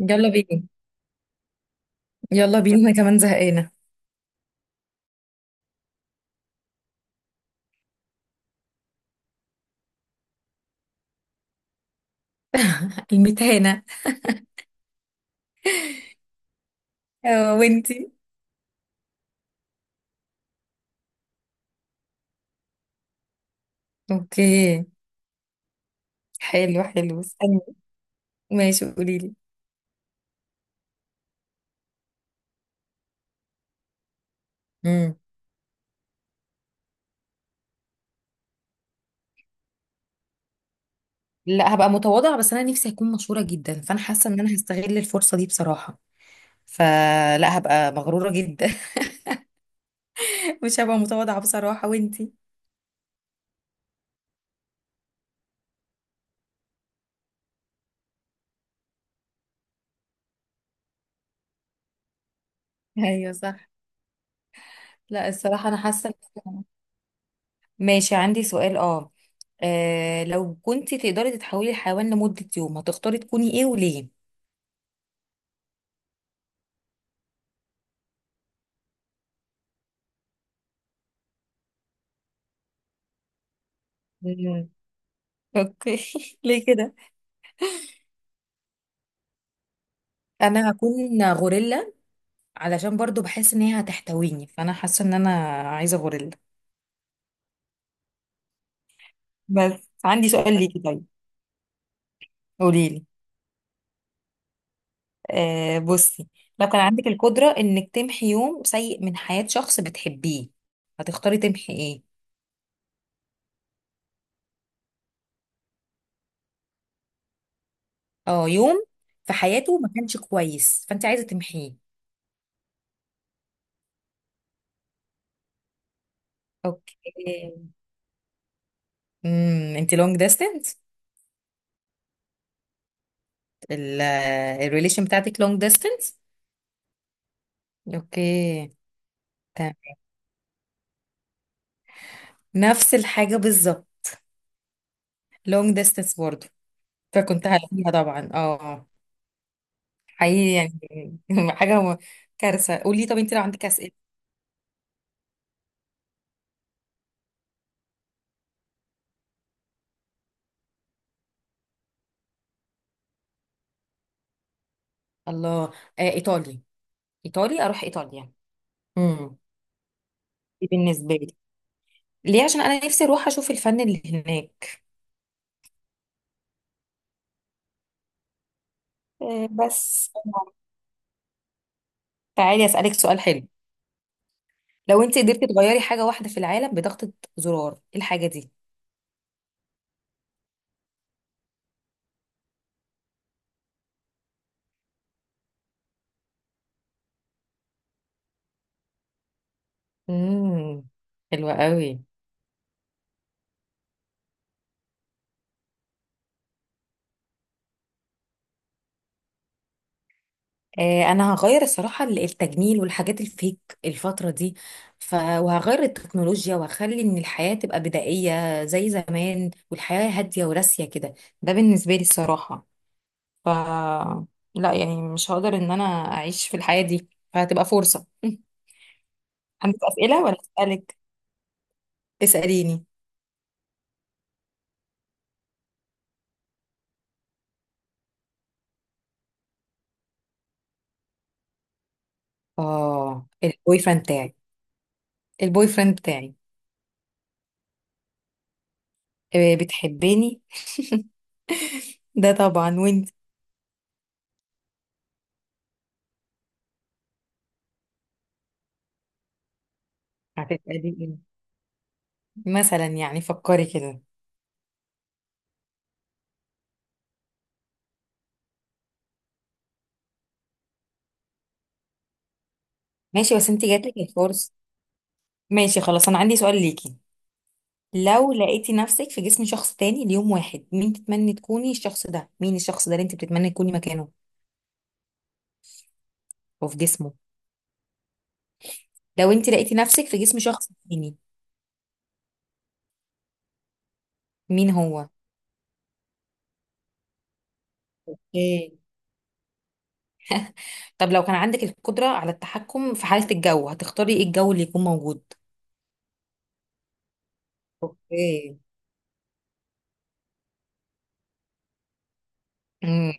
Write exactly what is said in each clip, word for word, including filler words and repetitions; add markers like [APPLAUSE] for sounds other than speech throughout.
يلا بينا. يلا بينا، انا كمان زهقانه. [LAUGHS] المتهانة. اه، وانتي. اوكي. حلو حلو استني. ماشي، قولي لي. امم لا، هبقى متواضعة، بس أنا نفسي أكون مشهورة جدا، فأنا حاسة إن أنا هستغل الفرصة دي بصراحة. فلا هبقى مغرورة جدا. [LAUGHS] مش هبقى متواضعة بصراحة، وإنتي. ايوه صح. لا، الصراحة أنا حاسة إن- ماشي، عندي سؤال. آه آه، لو كنتي تقدري تتحولي لحيوان لمدة يوم، هتختاري تكوني إيه وليه؟ مم. اوكي. [LAUGHS] ليه. انا هكون غوريلا علشان برضو بحس ان هي هتحتويني، فانا حاسه ان انا عايزه غوريلا. بس عندي سؤال ليكي، طيب. قولي لي. آه بصي، لو كان عندك القدرة انك تمحي يوم سيء من حياة شخص بتحبيه، هتختاري تمحي ايه؟ اه، يوم في حياته ما كانش كويس، فانت عايزه تمحيه. اوكي. امم انت لونج ديستنس. الريليشن بتاعتك لونج ديستنس. اوكي. تمام. نفس الحاجه بالظبط. لونج ديستنس برضو. فكنت هلاقيها طبعا، اه. حقيقي يعني، [LAUGHS] حاجة م- كارثة. قولي، طب انت لو عندك أسئلة. الله. آه ايطالي. ايطالي، اروح ايطاليا. امم دي بالنسبة لي. ليه؟ عشان انا نفسي اروح اشوف الفن اللي هناك. آه بس. تعالي اسألك سؤال حلو. لو انت قدرتي تغيري حاجة واحدة في العالم بضغطة زرار، ايه الحاجة دي. امم حلوة قوي. آه، انا هغير الصراحه ال- التجميل والحاجات الفيك الفتره دي، ف... وهغير التكنولوجيا، وهخلي ان الحياه تبقى بدائيه زي زمان، والحياه هاديه وراسيه كده. ده بالنسبه لي الصراحه. ف لا يعني، مش هقدر ان انا اعيش في الحياه دي، فهتبقى فرصه. [LAUGHS] عندك اسئله ولا اسالك. اساليني. اه، البوي فريند بتاعي. البوي فريند بتاعي. آه، بتحبيني. ده طبعا، وانت. هتسالي ايه. مثلا يعني، فكري كده. ماشي، بس انت جاتلك الفرصة. ماشي، خلاص، انا عندي سؤال ليكي. لو لقيتي نفسك في جسم شخص تاني ليوم واحد، مين تتمني تكوني الشخص ده، مين الشخص ده اللي انت بتتمني تكوني مكانه او في جسمه. لو انت لقيتي نفسك في جسم شخص تاني، مين هو. اوكي. طب لو كان عندك القدرة على التحكم في حالة الجو، هتختاري ايه الجو اللي يكون موجود. اوكي. امم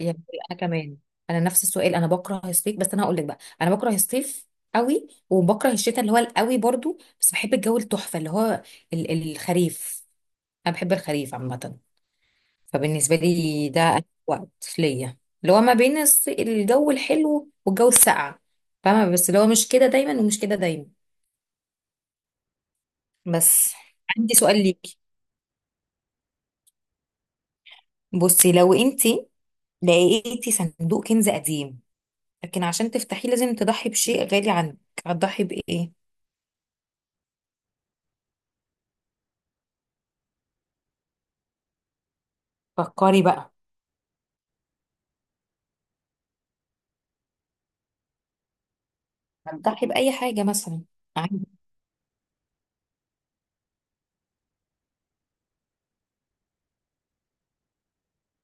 يعني انا كمان. انا نفس السؤال، انا بكره الصيف، بس انا هقول لك بقى، انا بكره الصيف قوي، وبكره الشتاء اللي هو القوي برضو، بس بحب الجو التحفة اللي هو ال- الخريف. انا بحب الخريف عامه. فبالنسبه لي ده أحلى وقت ليا، اللي هو ما بين الص- الجو الحلو والجو الساقع. فاهمه، بس اللي هو مش كده دايما، ومش كده دايما. بس عندي سؤال ليكي. بصي، لو انتي لقيتي صندوق كنز قديم، لكن عشان تفتحيه لازم تضحي بشيء غالي عندك، هتضحي بايه. فكري بقى. هتضحي باي حاجه مثلا عندك.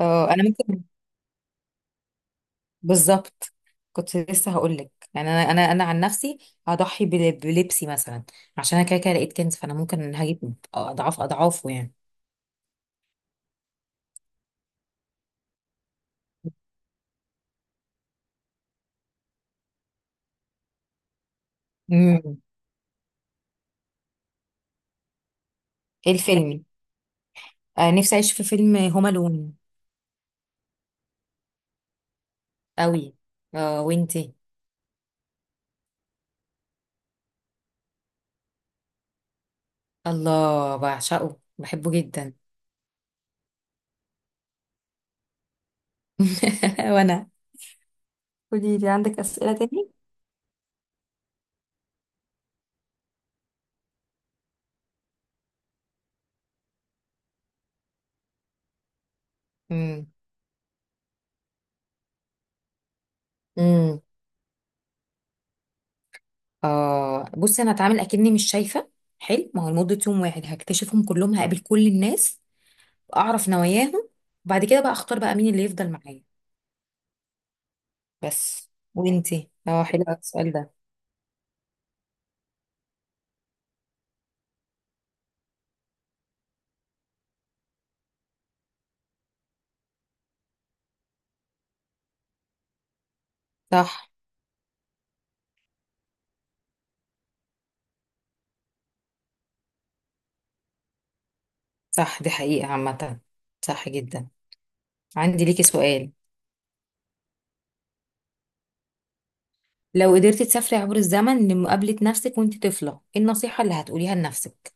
آه، انا ممكن، بالظبط. كنت لسه هقول لك، يعني انا انا انا عن نفسي هضحي بل- بلبسي مثلا، عشان انا كده كده لقيت كنز، فانا ممكن هجيب اضعاف اضعافه يعني. امم ايه الفيلم. آه نفسي اعيش في فيلم هوم الون. قوي. آه وانتي. الله، بعشقه، بحبه جدا. [LAUGHS] وانا. قولي لي، عندك أسئلة تاني؟ امم امم آه بصي، انا هتعامل اكني مش شايفه. حلو، ما هو لمده يوم واحد هكتشفهم كلهم، هقابل كل الناس، اعرف نواياهم، وبعد كده بقى اختار بقى مين اللي يفضل معايا. بس. وانتي، اه، حلو أوي السؤال ده. صح. صح، دي حقيقة عامة. صح جدا. عندي ليكي سؤال. لو قدرتي تسافري عبر الزمن لمقابلة نفسك وانت طفلة، ايه النصيحة اللي هتقوليها لنفسك.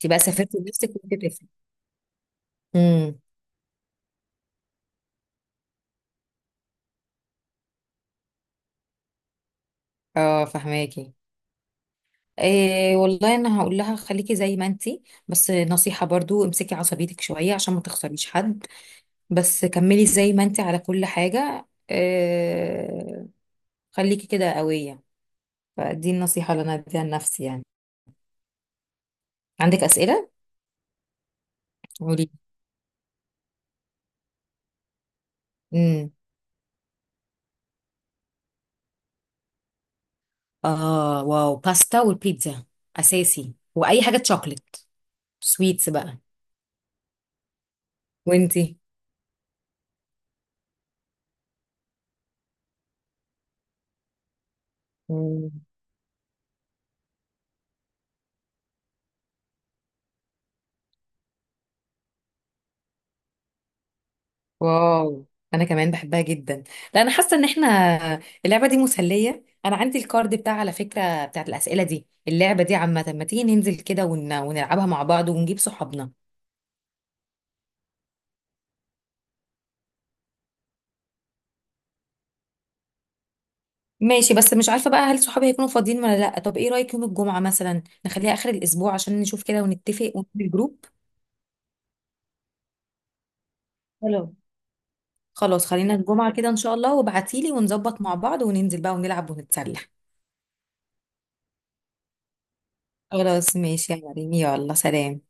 تبقى سافرتي لنفسك وانت طفلة. امم اه، فهماكي. إيه والله، انا هقول لها خليكي زي ما انتي، بس نصيحة برضو، امسكي عصبيتك شوية عشان ما تخسريش حد، بس كملي زي ما انتي على كل حاجة، إيه، خليكي كده قوية. فدي النصيحة اللي أنا أديها لنفسي يعني. عندك أسئلة؟ قولي. امم اه، واو، باستا والبيتزا اساسي، واي حاجه تشوكلت سويتس بقى. وانتي. مم. واو، أنا كمان بحبها جدا. لا، أنا حاسة إن إحنا اللعبة دي مسلية. أنا عندي الكارد بتاع، على فكرة، بتاعت الأسئلة دي. اللعبة دي عامة، ما تيجي ننزل كده ون... ونلعبها مع بعض ونجيب صحابنا. ماشي، بس مش عارفة بقى هل صحابي هيكونوا فاضيين ولا لأ. طب ايه رأيك يوم الجمعة مثلا، نخليها آخر الأسبوع عشان نشوف كده ونتفق ونعمل الجروب. حلو. خلاص، خلينا الجمعة كده إن شاء الله، وابعتيلي ونظبط مع بعض وننزل بقى ونلعب ونتسلى. خلاص ماشي يا مريم، يلا سلام.